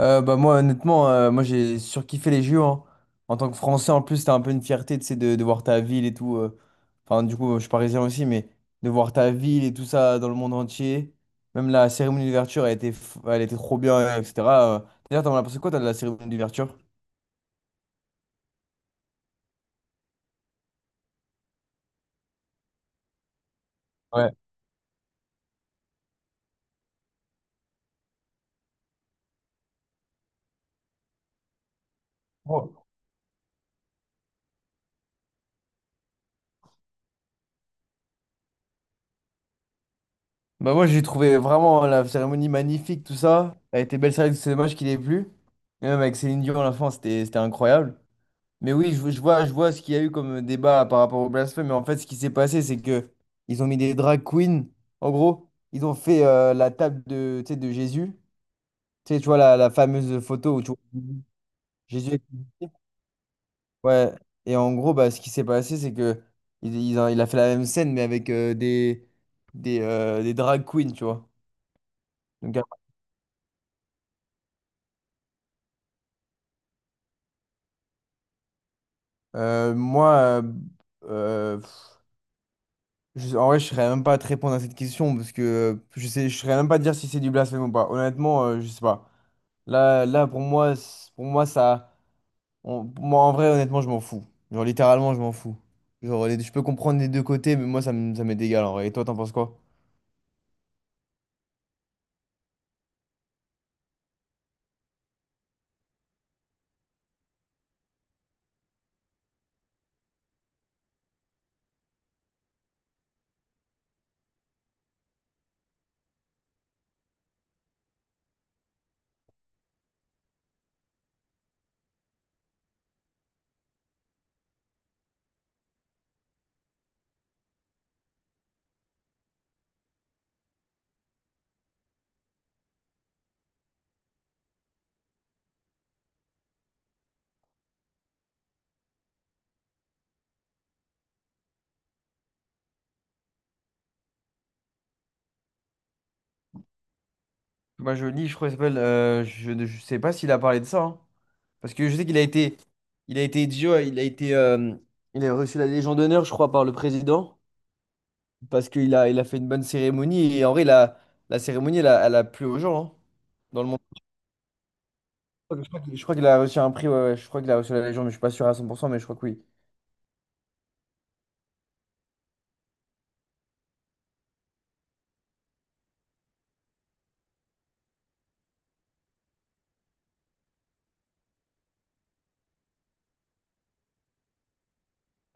Bah moi honnêtement moi j'ai surkiffé les JO hein. En tant que Français en plus, c'était un peu une fierté tu sais, de voir ta ville et tout. Enfin, du coup je suis parisien aussi, mais de voir ta ville et tout ça dans le monde entier, même la cérémonie d'ouverture, elle était elle était trop bien, etc euh. D'ailleurs, t'en as pensé quoi toi de la cérémonie d'ouverture? Ouais. Oh. Bah moi, j'ai trouvé vraiment la cérémonie magnifique, tout ça, elle était belle. C'est vrai que c'est dommage qu'il ait plu. Et même avec Céline Dion à la fin, c'était incroyable. Mais oui, je vois ce qu'il y a eu comme débat par rapport au blasphème, mais en fait, ce qui s'est passé, c'est que ils ont mis des drag queens. En gros, ils ont fait la table de, tu sais, de Jésus. Tu sais, tu vois la fameuse photo où tu vois Jésus. Les pieds. Ouais. Et en gros, bah, ce qui s'est passé, c'est que il a fait la même scène, mais avec des drag queens, tu vois. Donc, moi, euh, en vrai, je serais même pas à te répondre à cette question parce que je sais, je serais même pas à te dire si c'est du blasphème ou pas. Honnêtement, je sais pas. Là, là, pour moi, pour moi, ça, pour moi, en vrai, honnêtement, je m'en fous. Genre, littéralement, je m'en fous. Genre, je peux comprendre les deux côtés, mais moi, ça m'est égal en vrai. Et toi, t'en penses quoi? Bah, je lis, je crois, qu'il s'appelle. Je, ne je sais pas s'il a parlé de ça, hein. Parce que je sais qu'il a été idiot, il a reçu la Légion d'honneur, je crois, par le président. Parce qu'il a fait une bonne cérémonie. Et en vrai, la cérémonie, elle a plu aux gens, hein, dans le monde. Je crois qu'il a reçu un prix. Ouais, ouais, je crois qu'il a reçu la Légion, mais je suis pas sûr à 100%, mais je crois que oui.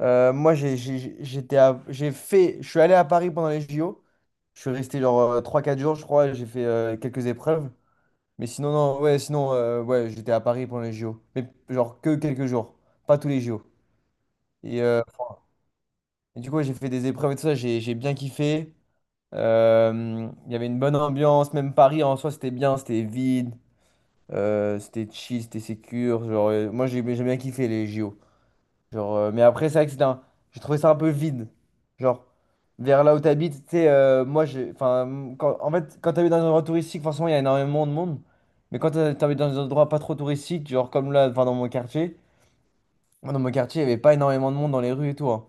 Moi, j'ai- j'étais à- j'ai fait, je suis allé à Paris pendant les JO. Je suis resté genre 3-4 jours, je crois. J'ai fait quelques épreuves. Mais sinon, non, ouais, sinon, ouais, j'étais à Paris pendant les JO. Mais genre que quelques jours, pas tous les JO. Et, euh, et du coup, ouais, j'ai fait des épreuves et tout ça. J'ai bien kiffé. Il y avait une bonne ambiance, même Paris en soi c'était bien, c'était vide, c'était chill, c'était sécure. Genre, moi j'ai bien kiffé les JO. Genre, mais après, c'est vrai que c'était j'ai trouvé ça un peu vide. Genre, vers là où t'habites, tu sais, moi j'ai. Enfin, en fait, quand t'habites dans un endroit touristique, forcément il y a énormément de monde. Mais quand t'habites dans un endroit pas trop touristique, genre comme là, enfin dans mon quartier, moi, dans mon quartier, il y avait pas énormément de monde dans les rues et tout, hein.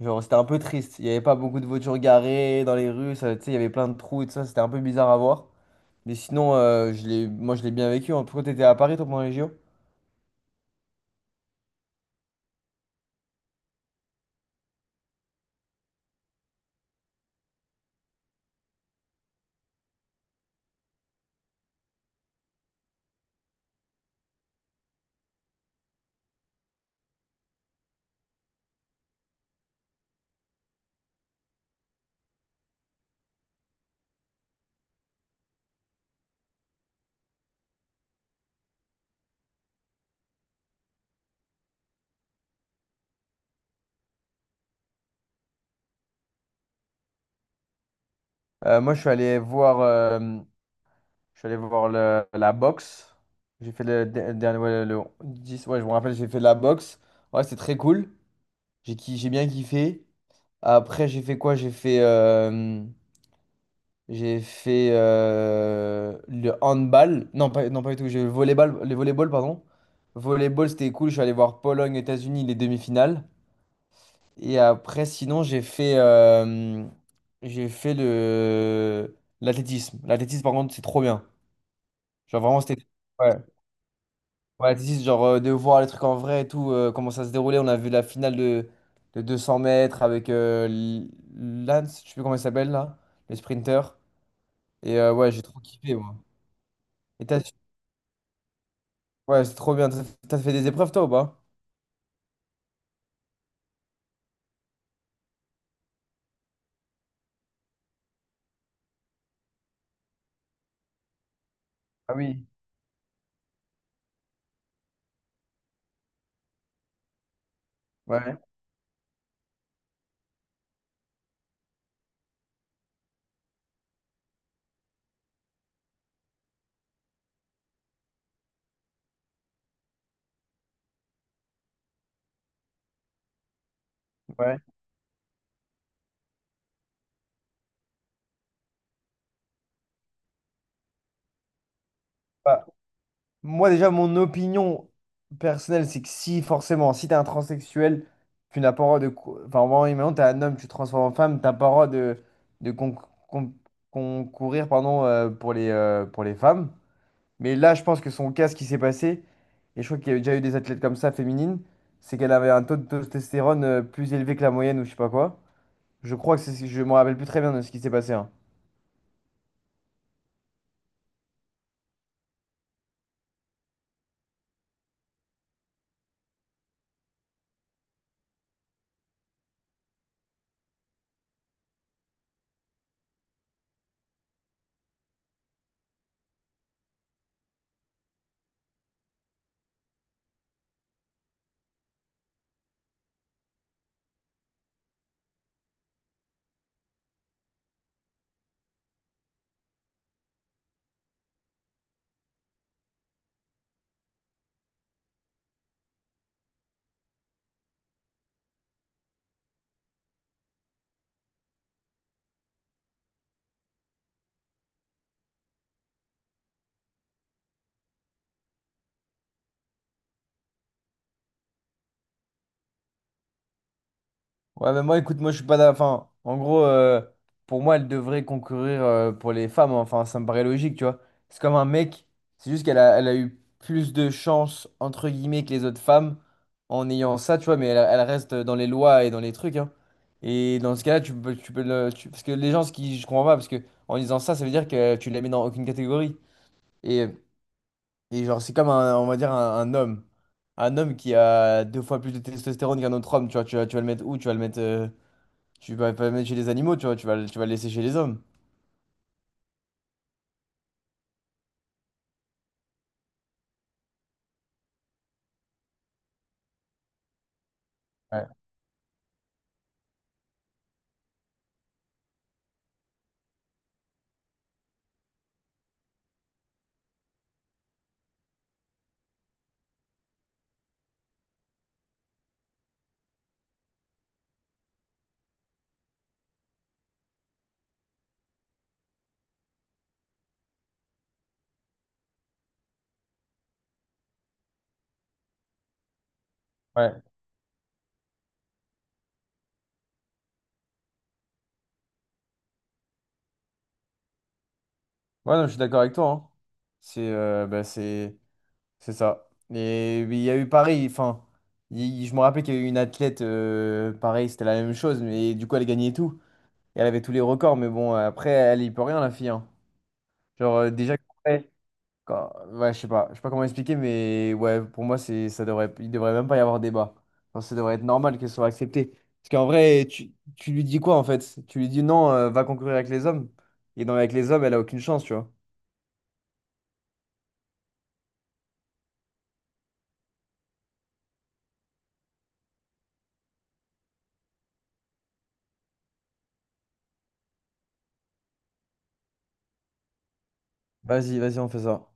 Genre, c'était un peu triste. Il n'y avait pas beaucoup de voitures garées dans les rues. Tu sais, il y avait plein de trous et tout ça. C'était un peu bizarre à voir. Mais sinon, moi, je l'ai bien vécu. En tout cas, tu étais à Paris, toi, pendant les JO. Moi, je suis allé voir la boxe. J'ai fait le, dernier, ouais, le 10, ouais, je me rappelle, j'ai fait de la boxe. Ouais, c'était très cool. J'ai bien kiffé. Après, j'ai fait quoi? J'ai fait. J'ai fait Le handball. Non, pas, non, pas du tout. J'ai le volleyball, pardon. Volleyball, c'était cool. Je suis allé voir Pologne, États-Unis, les demi-finales. Et après, sinon, j'ai fait le l'athlétisme. L'athlétisme, par contre, c'est trop bien. Genre, vraiment, c'était. Ouais. Ouais, l'athlétisme, genre, de voir les trucs en vrai et tout, comment ça se déroulait. On a vu la finale de 200 mètres avec Lance, je sais plus comment il s'appelle là, le sprinter. Et ouais, j'ai trop kiffé, moi. Ouais, c'est trop bien. T'as fait des épreuves, toi, ou pas? Ah oui, ouais, ouais. Bah moi déjà, mon opinion personnelle, c'est que si forcément, si t'es un transsexuel, tu n'as pas le droit de... Enfin, vraiment, imaginons, t'es un homme, tu te transformes en femme, t'as pas le droit de con- concourir, pardon, pour les femmes. Mais là, je pense que son cas, ce qui s'est passé, et je crois qu'il y a déjà eu des athlètes comme ça, féminines, c'est qu'elle avait un taux de testostérone plus élevé que la moyenne ou je sais pas quoi. Je crois que c'est... Je me rappelle plus très bien de ce qui s'est passé, hein. Ouais, mais moi, écoute, moi, je suis pas d'accord. Enfin, en gros, pour moi, elle devrait concourir pour les femmes, hein. Enfin, ça me paraît logique, tu vois. C'est comme un mec, c'est juste qu'elle a eu plus de chance, entre guillemets, que les autres femmes en ayant ça, tu vois. Mais elle, elle reste dans les lois et dans les trucs, hein. Et dans ce cas-là, tu peux le. Parce que les gens, ce qui. Je comprends pas, parce que en disant ça, ça veut dire que tu la mets dans aucune catégorie. Et, et genre, c'est comme, un, on va dire, un homme. Un homme qui a deux fois plus de testostérone qu'un autre homme, tu vois. Tu vas le mettre où? Tu vas pas le mettre chez les animaux, tu vois, tu vas le laisser chez les hommes. Ouais, ouais. Ouais, non, je suis d'accord avec toi, hein. C'est bah, c'est ça. Et il y a eu pareil, enfin, je me rappelle qu'il y a eu une athlète, pareil, c'était la même chose, mais du coup, elle gagnait tout. Et elle avait tous les records, mais bon, après, elle y peut rien, la fille, hein. Genre, déjà. Ouais, je sais pas comment expliquer, mais ouais, pour moi, ça devrait, il devrait même pas y avoir débat. Enfin, ça devrait être normal qu'elle soit acceptée. Parce qu'en vrai, tu lui dis quoi en fait? Tu lui dis non, va concourir avec les hommes. Et dans avec les hommes, elle a aucune chance, tu vois. Vas-y, vas-y, on fait ça.